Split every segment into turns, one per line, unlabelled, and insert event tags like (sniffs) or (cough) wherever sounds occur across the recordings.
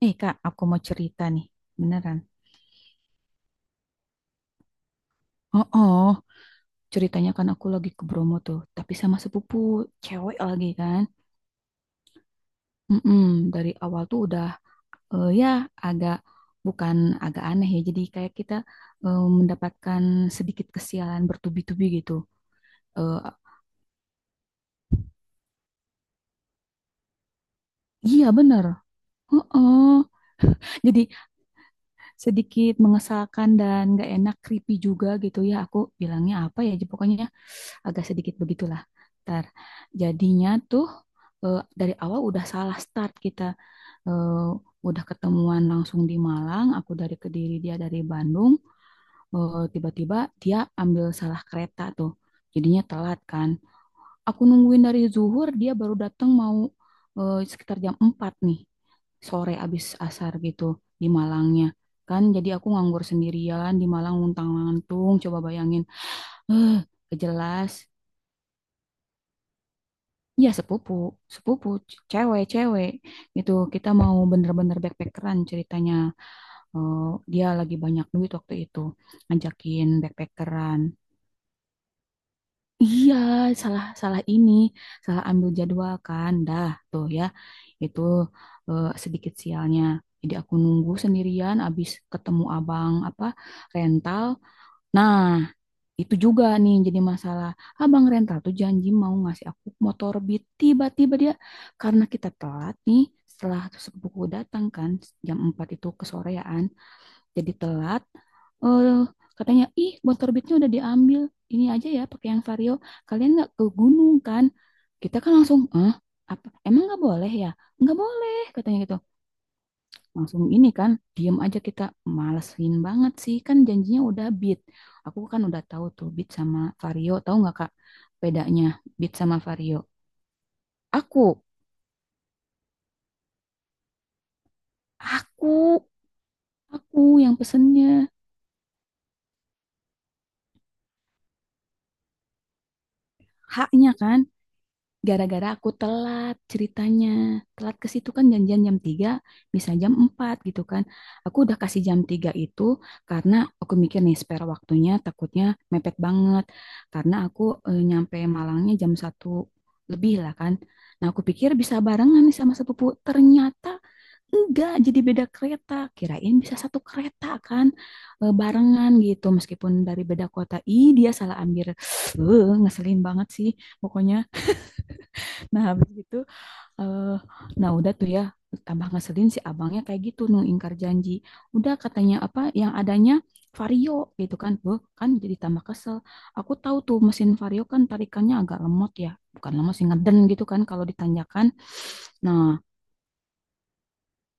Nih Kak, aku mau cerita nih, beneran. Oh, oh, ceritanya kan aku lagi ke Bromo tuh, tapi sama sepupu cewek lagi kan. Mm-mm, dari awal tuh udah, ya agak bukan agak aneh ya. Jadi kayak kita mendapatkan sedikit kesialan bertubi-tubi gitu. Eh, iya bener. Oh, oh. Jadi sedikit mengesalkan dan gak enak, creepy juga gitu ya. Aku bilangnya apa ya? Pokoknya agak sedikit begitulah. Ntar jadinya tuh dari awal udah salah start kita eh, udah ketemuan langsung di Malang, aku dari Kediri, dia dari Bandung. Tiba-tiba dia ambil salah kereta tuh, jadinya telat kan. Aku nungguin dari zuhur, dia baru datang mau sekitar jam 4 nih, sore abis asar gitu di Malangnya. Kan jadi aku nganggur sendirian di Malang untang-lantung, coba bayangin, eh, jelas. Iya sepupu, sepupu, cewek-cewek gitu. Kita mau bener-bener backpackeran ceritanya. Eh, Dia lagi banyak duit waktu itu, ngajakin backpackeran. Iya, salah salah ini, salah ambil jadwal kan, dah tuh ya. Itu sedikit sialnya. Jadi aku nunggu sendirian, abis ketemu abang apa rental. Nah, itu juga nih yang jadi masalah. Abang rental tuh janji mau ngasih aku motor Beat. Tiba-tiba dia karena kita telat nih setelah sepupu datang kan jam 4 itu kesorean. Jadi telat. Eh Katanya, ih motor Beatnya udah diambil. Ini aja ya pakai yang Vario. Kalian nggak ke gunung kan? Kita kan langsung, ah apa? Emang nggak boleh ya? Nggak boleh katanya gitu langsung ini kan diem aja kita, malesin banget sih kan janjinya udah Beat. Aku kan udah tahu tuh Beat sama Vario, tahu nggak kak bedanya Beat sama Vario. Aku aku aku yang pesennya. Haknya kan gara-gara aku telat ceritanya. Telat ke situ kan janjian jam 3 bisa jam 4 gitu kan. Aku udah kasih jam 3 itu karena aku mikir nih spare waktunya takutnya mepet banget. Karena aku nyampe Malangnya jam 1 lebih lah kan. Nah aku pikir bisa barengan nih sama sepupu. Ternyata enggak, jadi beda kereta. Kirain bisa satu kereta kan, barengan gitu. Meskipun dari beda kota. Ih dia salah ambil. (sniffs) Ngeselin banget sih pokoknya. Nah, habis itu eh nah udah tuh ya, tambah ngeselin si abangnya kayak gitu nu ingkar janji. Udah katanya apa yang adanya Vario gitu kan. Loh, kan jadi tambah kesel. Aku tahu tuh mesin Vario kan tarikannya agak lemot ya. Bukan lemot sih ngeden gitu kan kalau ditanjakan. Nah,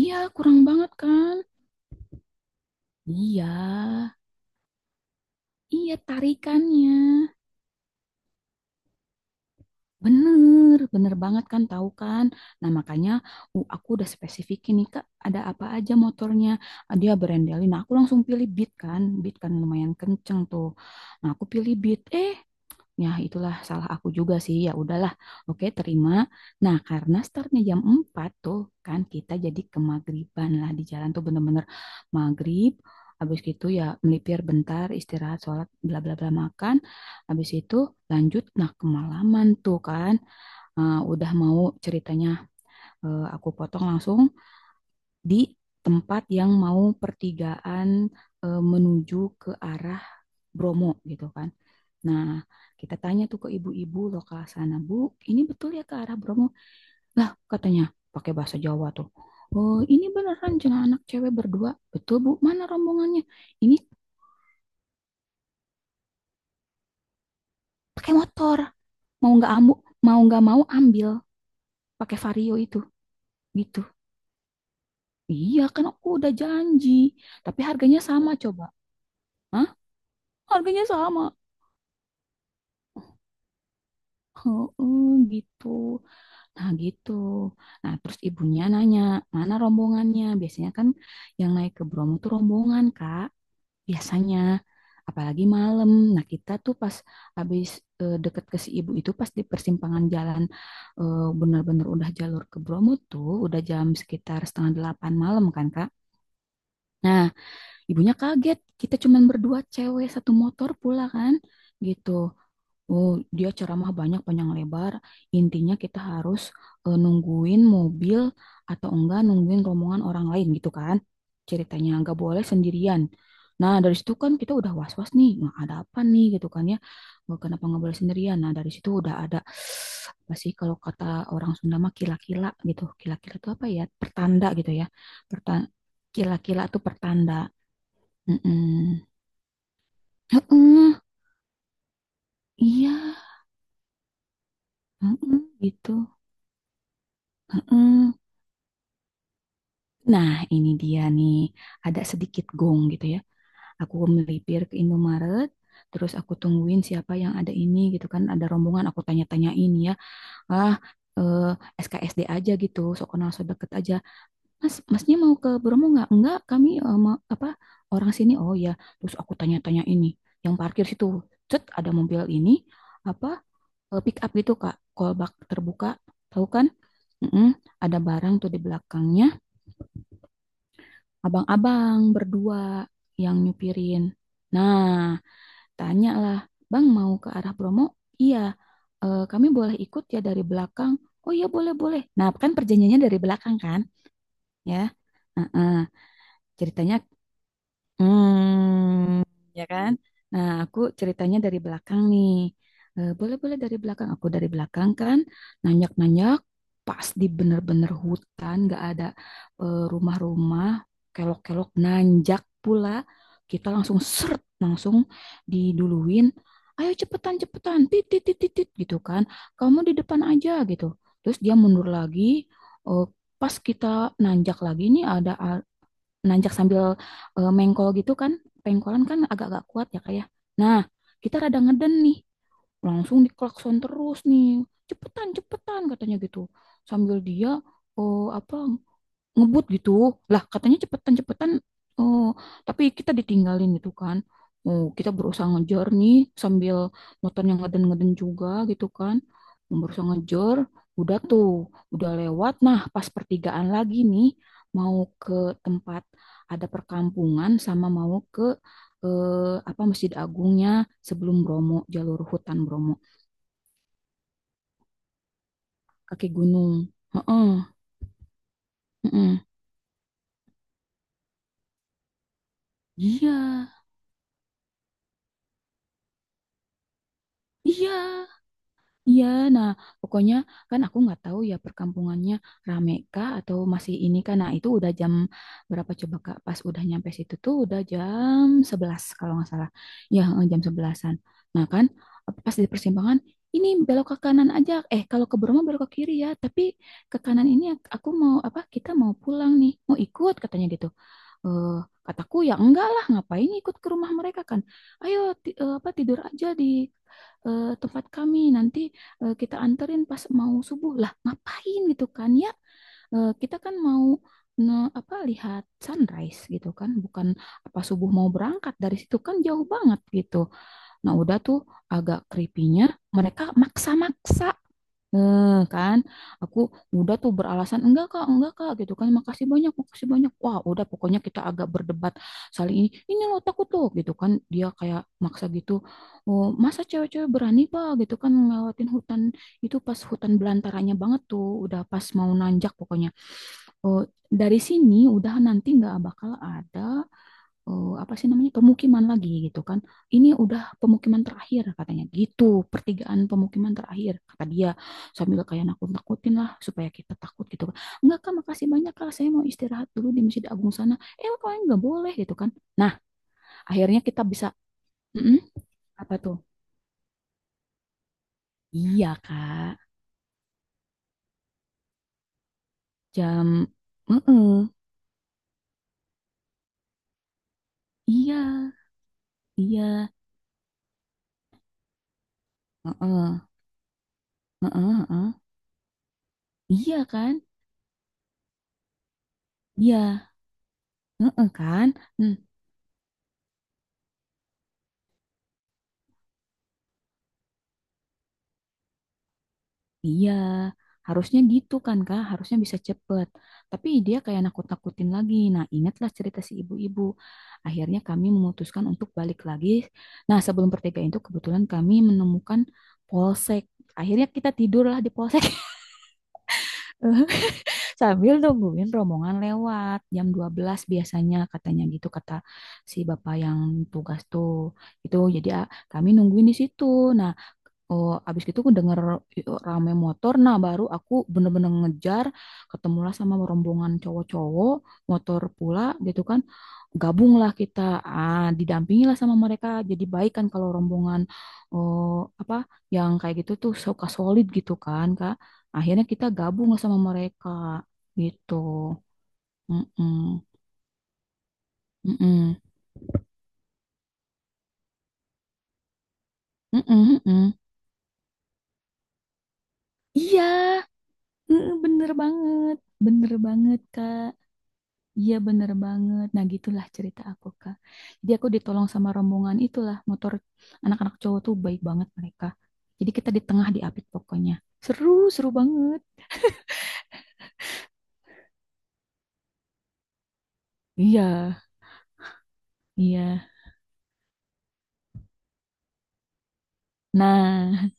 iya kurang banget kan? Iya, iya tarikannya. Bener, bener banget kan tahu kan. Nah makanya aku udah spesifikin nih Kak, ada apa aja motornya. Ah, dia berendelin. Nah aku langsung pilih Beat kan. Beat kan lumayan kenceng tuh. Nah aku pilih Beat. Ya, itulah salah aku juga sih. Ya udahlah. Oke, terima. Nah, karena startnya jam 4 tuh kan kita jadi ke maghriban lah di jalan tuh bener-bener maghrib. Habis gitu ya melipir bentar, istirahat, sholat, bla bla bla makan. Habis itu lanjut nah kemalaman tuh kan. Udah mau ceritanya aku potong langsung di tempat yang mau pertigaan menuju ke arah Bromo gitu kan. Nah, kita tanya tuh ke ibu-ibu lokal sana, Bu, ini betul ya ke arah Bromo? Lah, katanya pakai bahasa Jawa tuh. Oh, ini beneran jangan anak cewek berdua. Betul, Bu. Mana rombongannya? Ini pakai motor. Mau nggak ambu, mau nggak mau ambil pakai Vario itu. Gitu. Iya, kan aku udah janji. Tapi harganya sama coba. Hah? Harganya sama. Heeh, gitu. Nah, gitu. Nah, terus ibunya nanya, mana rombongannya? Biasanya kan yang naik ke Bromo tuh rombongan, Kak. Biasanya. Apalagi malam. Nah, kita tuh pas habis deket ke si ibu itu, pas di persimpangan jalan bener-bener udah jalur ke Bromo tuh, udah jam sekitar setengah delapan malam kan, Kak. Nah, ibunya kaget. Kita cuman berdua cewek satu motor pula kan. Gitu. Oh, dia ceramah banyak panjang lebar. Intinya kita harus nungguin mobil atau enggak nungguin rombongan orang lain gitu kan. Ceritanya enggak boleh sendirian. Nah, dari situ kan kita udah was-was nih. Nah, ada apa nih gitu kan ya. Nggak- Kenapa nggak boleh sendirian? Nah, dari situ udah ada, (sighs) apa sih kalau kata orang Sunda mah kila-kila gitu. Kila-kila itu apa ya? Pertanda gitu ya. Pertan Kila-kila itu pertanda. Mm-mm. Heeh, iya, heeh, gitu. Heeh. Nah, ini dia nih, ada sedikit gong gitu ya. Aku melipir ke Indomaret, terus aku tungguin siapa yang ada ini gitu kan. Ada rombongan, aku tanya-tanyain ya. Ah, eh, SKSD aja gitu, sok kenal sok deket aja. Mas, masnya mau ke Bromo nggak? Enggak, kami apa orang sini. Oh ya, terus aku tanya-tanya ini. Yang parkir situ, cet, ada mobil ini, apa pick up gitu Kak, kolbak terbuka, tahu kan? Mm-mm, ada barang tuh di belakangnya abang-abang berdua yang nyupirin. Nah, tanyalah, Bang mau ke arah Bromo? Iya. Eh, kami boleh ikut ya dari belakang. Oh iya boleh boleh. Nah, kan perjanjiannya dari belakang kan, ya. Heeh. Ceritanya. Hmm, ya kan? Nah, aku ceritanya dari belakang nih. Eh, boleh-boleh dari belakang. Aku dari belakang kan, nanyak-nanyak, pas di bener-bener hutan, gak ada rumah-rumah, kelok-kelok, nanjak pula. Kita langsung seret, langsung diduluin. Ayo cepetan, cepetan, titit, titit, titit, gitu kan. Kamu di depan aja, gitu. Terus dia mundur lagi, eh, pas kita nanjak lagi nih ada nanjak sambil mengkol gitu kan. Pengkolan kan agak-agak kuat ya kayak. Nah, kita rada ngeden nih. Langsung diklakson terus nih. Cepetan, cepetan katanya gitu. Sambil dia oh apa ngebut gitu lah katanya cepetan-cepetan. Oh, tapi kita ditinggalin gitu kan. Oh, kita berusaha ngejar nih sambil motornya ngeden-ngeden juga gitu kan, berusaha ngejar. Udah tuh udah lewat, nah pas pertigaan lagi nih mau ke tempat, ada perkampungan sama mau ke eh, apa Masjid Agungnya, sebelum Bromo jalur hutan Bromo, kaki gunung. Heeh, heeh. Iya, iya. Iya, nah pokoknya kan aku nggak tahu ya perkampungannya rame kah atau masih ini kan. Nah itu udah jam berapa coba Kak? Pas udah nyampe situ tuh udah jam 11 kalau nggak salah. Ya jam sebelasan. Nah kan pas di persimpangan ini belok ke kanan aja. Eh kalau ke Bromo belok ke kiri ya. Tapi ke kanan ini aku mau apa? Kita mau pulang nih. Mau ikut katanya gitu. Eh, kataku ya enggak lah ngapain ikut ke rumah mereka kan, ayo ti- eh, apa tidur aja di tempat kami nanti, kita anterin pas mau subuh lah ngapain gitu kan ya. Eh, kita kan mau ne- apa lihat sunrise gitu kan, bukan apa subuh mau berangkat dari situ kan jauh banget gitu. Nah udah tuh agak creepy-nya mereka maksa-maksa. Eh, kan aku udah tuh beralasan enggak kak gitu kan makasih banyak wah udah pokoknya kita agak berdebat, saling ini loh takut tuh gitu kan dia kayak maksa gitu. Oh masa cewek-cewek berani pak gitu kan ngelewatin hutan, itu pas hutan belantaranya banget tuh udah pas mau nanjak pokoknya. Oh dari sini udah nanti nggak bakal ada apa sih namanya pemukiman lagi gitu kan, ini udah pemukiman terakhir katanya gitu, pertigaan pemukiman terakhir kata dia, sambil kayak nakut-nakutin lah supaya kita takut gitu kan. Enggak kak makasih banyak kak saya mau istirahat dulu di Masjid Agung sana, eh kalian nggak boleh gitu kan. Nah akhirnya kita bisa "Mm-mm, apa tuh iya kak jam "Mm-mm, iya iya "Mm-mm, mm-mm, mm-mm, iya kan iya mm kan. Hmm. Iya, harusnya gitu kan Kak, harusnya bisa cepet. Tapi dia kayak nakut-nakutin lagi. Nah, ingatlah cerita si ibu-ibu. Akhirnya kami memutuskan untuk balik lagi. Nah, sebelum pertigaan itu kebetulan kami menemukan polsek. Akhirnya kita tidurlah di polsek. (laughs) eh, Sambil nungguin rombongan lewat jam 12 biasanya katanya gitu kata si bapak yang tugas tuh. Itu jadi ah, kami nungguin di situ. Nah, oh, abis itu aku denger rame motor, nah baru aku bener-bener ngejar, ketemulah sama rombongan cowok-cowok, motor pula gitu kan, gabunglah kita, ah, didampingilah sama mereka, jadi baik kan kalau rombongan. Oh, apa yang kayak gitu tuh suka solid gitu kan Kak, akhirnya kita gabung lah sama mereka gitu. Mm-mm, mm-mm, mm-mm, mm-mm. Iya, mm, bener banget Kak. Iya bener banget. Nah gitulah cerita aku Kak. Jadi aku ditolong sama rombongan itulah, motor anak-anak cowok tuh baik banget mereka. Jadi kita di tengah diapit pokoknya. Seru, seru banget. Iya, iya. Nah,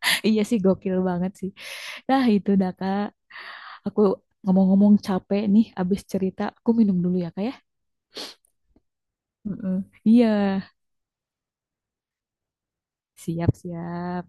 (laughs) iya sih gokil banget sih. Nah itu dah Kak. Aku ngomong-ngomong capek nih abis cerita. Aku minum dulu ya Kak ya. Mm-mm. Iya, siap-siap.